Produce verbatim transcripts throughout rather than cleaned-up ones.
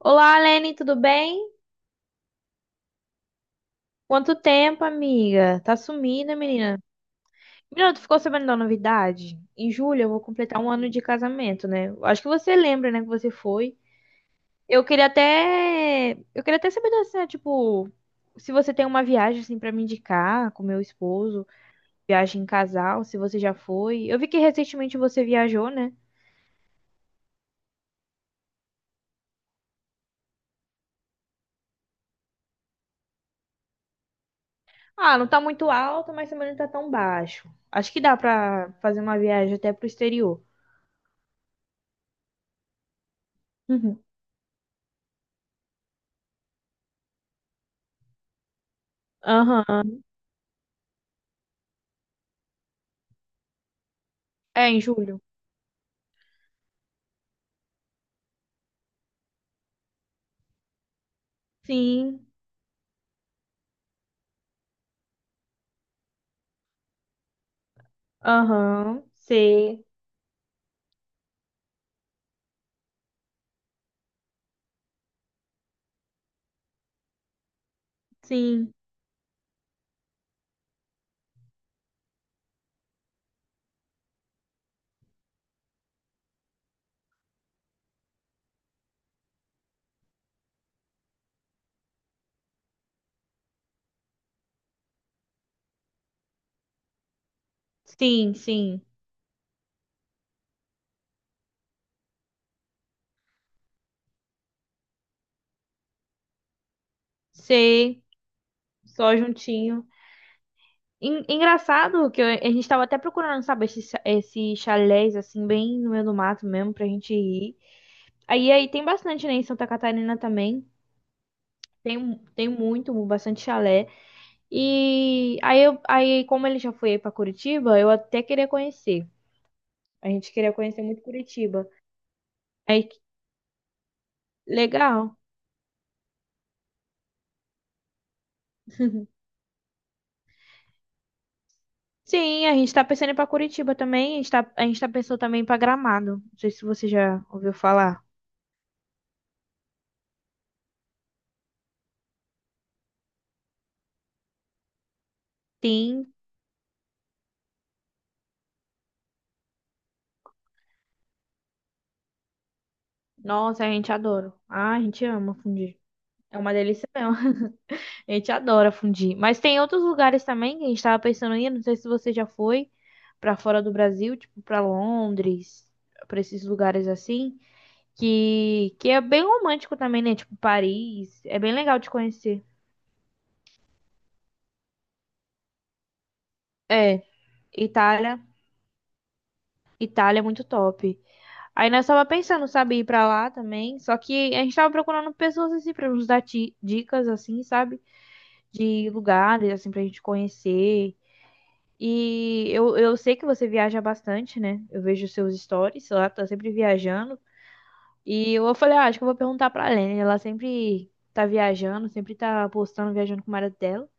Olá, Lene, tudo bem? Quanto tempo, amiga? Tá sumida, menina. Menina, tu ficou sabendo da novidade? Em julho eu vou completar um ano de casamento, né? Eu Acho que você lembra, né, que você foi. Eu queria até, eu queria até saber assim, né, tipo, se você tem uma viagem assim para me indicar com meu esposo, viagem em casal, se você já foi. Eu vi que recentemente você viajou, né? Ah, não tá muito alto, mas também não tá tão baixo. Acho que dá pra fazer uma viagem até pro exterior. Uhum. Aham. É, em julho. Sim, aham, sei, sim, sim, sim, sei, só juntinho. En- Engraçado que eu- a gente tava até procurando, sabe, esses cha- esses chalés, assim, bem no meio do mato mesmo, pra gente ir. Aí, aí tem bastante, né, em Santa Catarina também, tem, mu- tem muito, bastante chalé. E aí, eu, aí, como ele já foi aí pra Curitiba, eu até queria conhecer. A gente queria conhecer muito Curitiba. Aí, legal. Sim, a gente tá pensando em ir pra Curitiba também. A gente tá, a gente tá pensando também em ir pra Gramado. Não sei se você já ouviu falar. Sim, nossa, a gente adora. Ah, a gente ama fundir. É uma delícia mesmo. A gente adora fundir. Mas tem outros lugares também que a gente tava pensando em ir. Não sei se você já foi pra fora do Brasil, tipo pra Londres, pra esses lugares assim. Que, que é bem romântico também, né? Tipo Paris. É bem legal de conhecer. É, Itália. Itália é muito top. Aí nós tava pensando, sabe, ir pra lá também. Só que a gente tava procurando pessoas assim pra nos dar ti- dicas, assim, sabe? De lugares, assim, pra gente conhecer. E eu, eu sei que você viaja bastante, né? Eu vejo seus stories, sei lá, tá sempre viajando. E eu falei, ah, acho que eu vou perguntar pra Lene. Ela sempre tá viajando, sempre tá postando, viajando com o marido dela.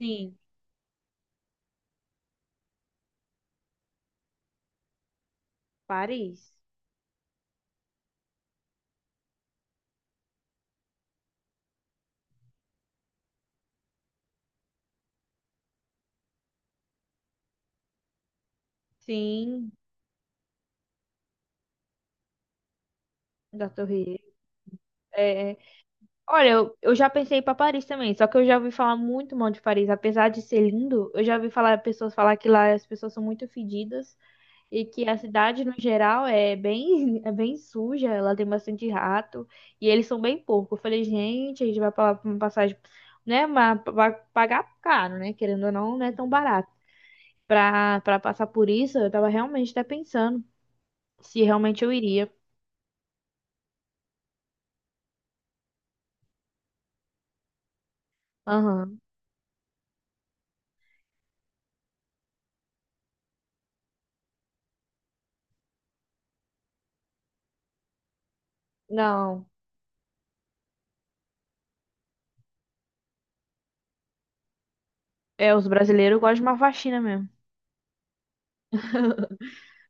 Sim, Paris. Sim, da Torre Eiffel. É, é. Olha, eu, eu já pensei para Paris também, só que eu já ouvi falar muito mal de Paris, apesar de ser lindo, eu já ouvi falar pessoas falar que lá as pessoas são muito fedidas e que a cidade no geral é bem é bem suja, ela tem bastante rato e eles são bem porco. Eu falei, gente, a gente vai para uma passagem, né, mas vai pagar caro, né, querendo ou não, não é tão barato. Para para passar por isso, eu tava realmente até pensando se realmente eu iria. Aham. Não, é, os brasileiros gostam de uma faxina mesmo.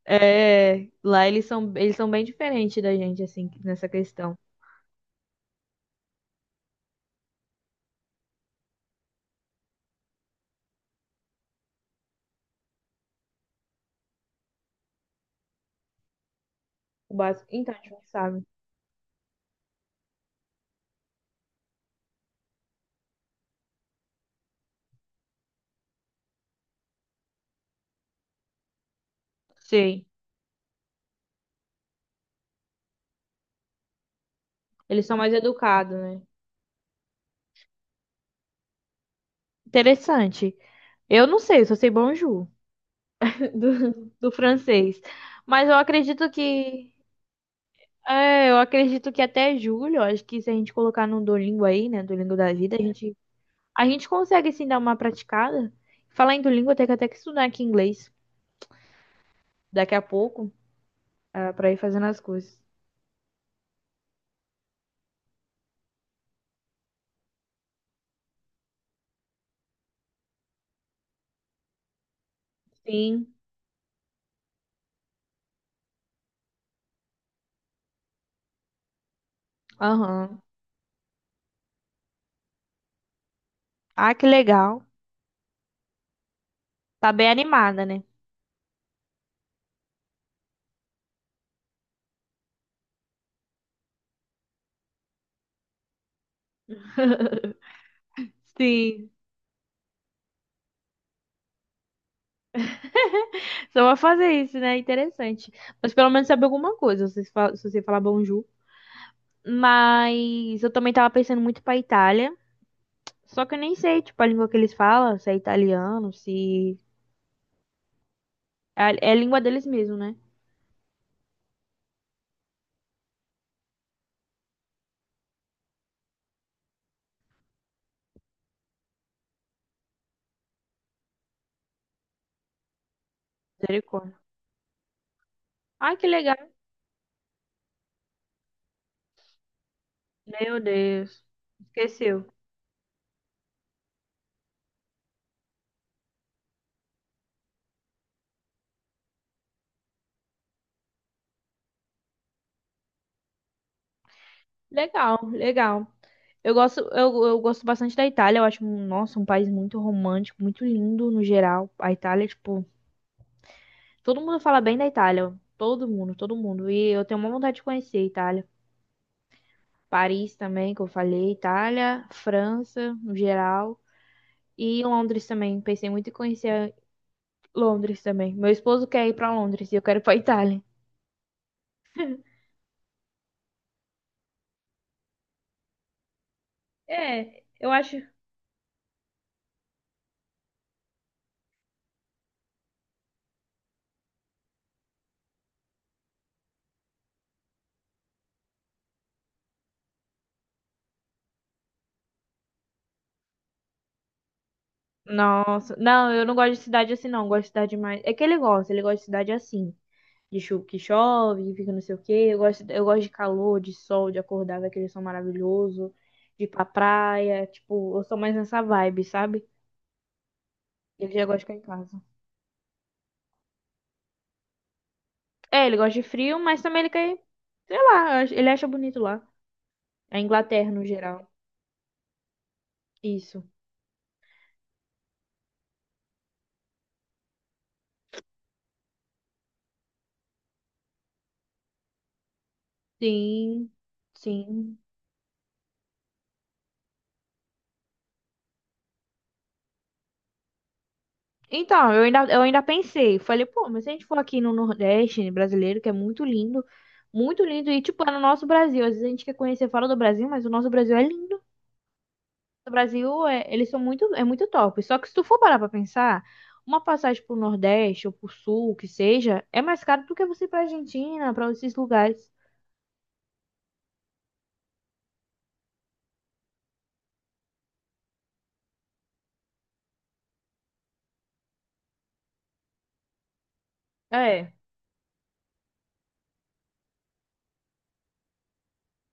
É, lá eles são, eles são bem diferentes da gente, assim, nessa questão. O básico, então, a gente não sabe. Sim. Eles são mais educados, né? Interessante. Eu não sei, eu só sei bonjour do, do francês. Mas eu acredito que. É, eu acredito que até julho, eu acho que se a gente colocar no Duolingo aí, né? Duolingo da vida, a gente, a gente consegue sim dar uma praticada. Falar em Duolingo, eu tenho que até que estudar aqui inglês daqui a pouco, ah, pra ir fazendo as coisas. Sim. Aham. Ah, que legal. Tá bem animada, né? Sim. Só vou fazer isso, né? Interessante. Mas pelo menos saber alguma coisa, se você fa- se você falar bonjour. Mas eu também tava pensando muito pra Itália. Só que eu nem sei, tipo, a língua que eles falam, se é italiano, se. É, é a língua deles mesmo, né? Misericórdia. Ai, que legal. Meu Deus. Esqueceu. Legal, legal. Eu gosto, eu, eu gosto bastante da Itália. Eu acho, nossa, um país muito romântico, muito lindo no geral. A Itália, tipo, todo mundo fala bem da Itália. Todo mundo, todo mundo. E eu tenho uma vontade de conhecer a Itália. Paris também, que eu falei. Itália, França, no geral. E Londres também. Pensei muito em conhecer Londres também. Meu esposo quer ir pra Londres e eu quero ir pra Itália. É, eu acho. Nossa, não, eu não gosto de cidade assim, não. Eu Gosto de cidade mais. É que ele gosta, ele gosta de cidade assim. De chu que chove, que fica não sei o quê. Eu gosto, eu gosto de calor, de sol, de acordar ver aquele sol maravilhoso, de ir pra praia. Tipo, eu sou mais nessa vibe, sabe? Ele já gosta de ficar em casa. É, ele gosta de frio, mas também ele quer, sei lá, eu ele acha bonito lá. A Inglaterra no geral. Isso. Sim, sim. Então, eu ainda, eu ainda pensei, falei, pô, mas se a gente for aqui no Nordeste brasileiro, que é muito lindo, muito lindo, e tipo, é no nosso Brasil, às vezes a gente quer conhecer fora do Brasil, mas o nosso Brasil é lindo. Do Brasil, é, eles são muito, é muito top. Só que se tu for parar pra pensar, uma passagem pro Nordeste ou pro Sul, que seja, é mais caro do que você ir pra Argentina, pra esses lugares. É,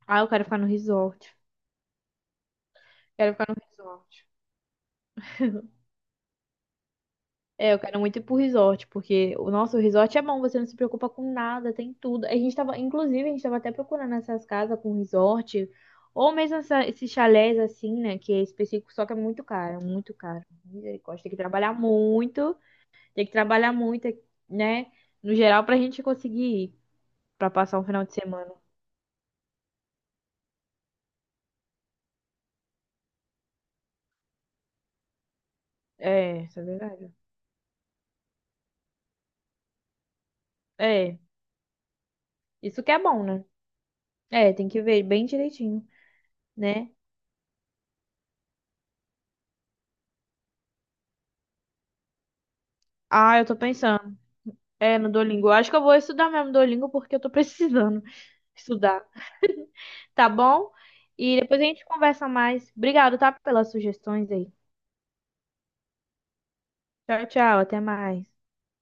ah, eu quero ficar no resort. Quero ficar no resort. É, eu quero muito ir pro resort, porque o nosso resort é bom, você não se preocupa com nada, tem tudo. A gente tava, inclusive, a gente tava até procurando essas casas com resort, ou mesmo essa- esses chalés assim, né, que é específico, só que é muito caro, muito caro. Misericórdia, tem que trabalhar muito. Tem que trabalhar muito, né? No geral, pra gente conseguir ir, pra passar um final de semana. É, isso é verdade. É, isso que é bom, né? É, tem que ver bem direitinho, né? Ah, eu tô pensando. É, no Duolingo. Eu acho que eu vou estudar mesmo Duolingo porque eu tô precisando estudar. Tá bom? E depois a gente conversa mais. Obrigado, tá? Pelas sugestões aí. Tchau, tchau. Até mais.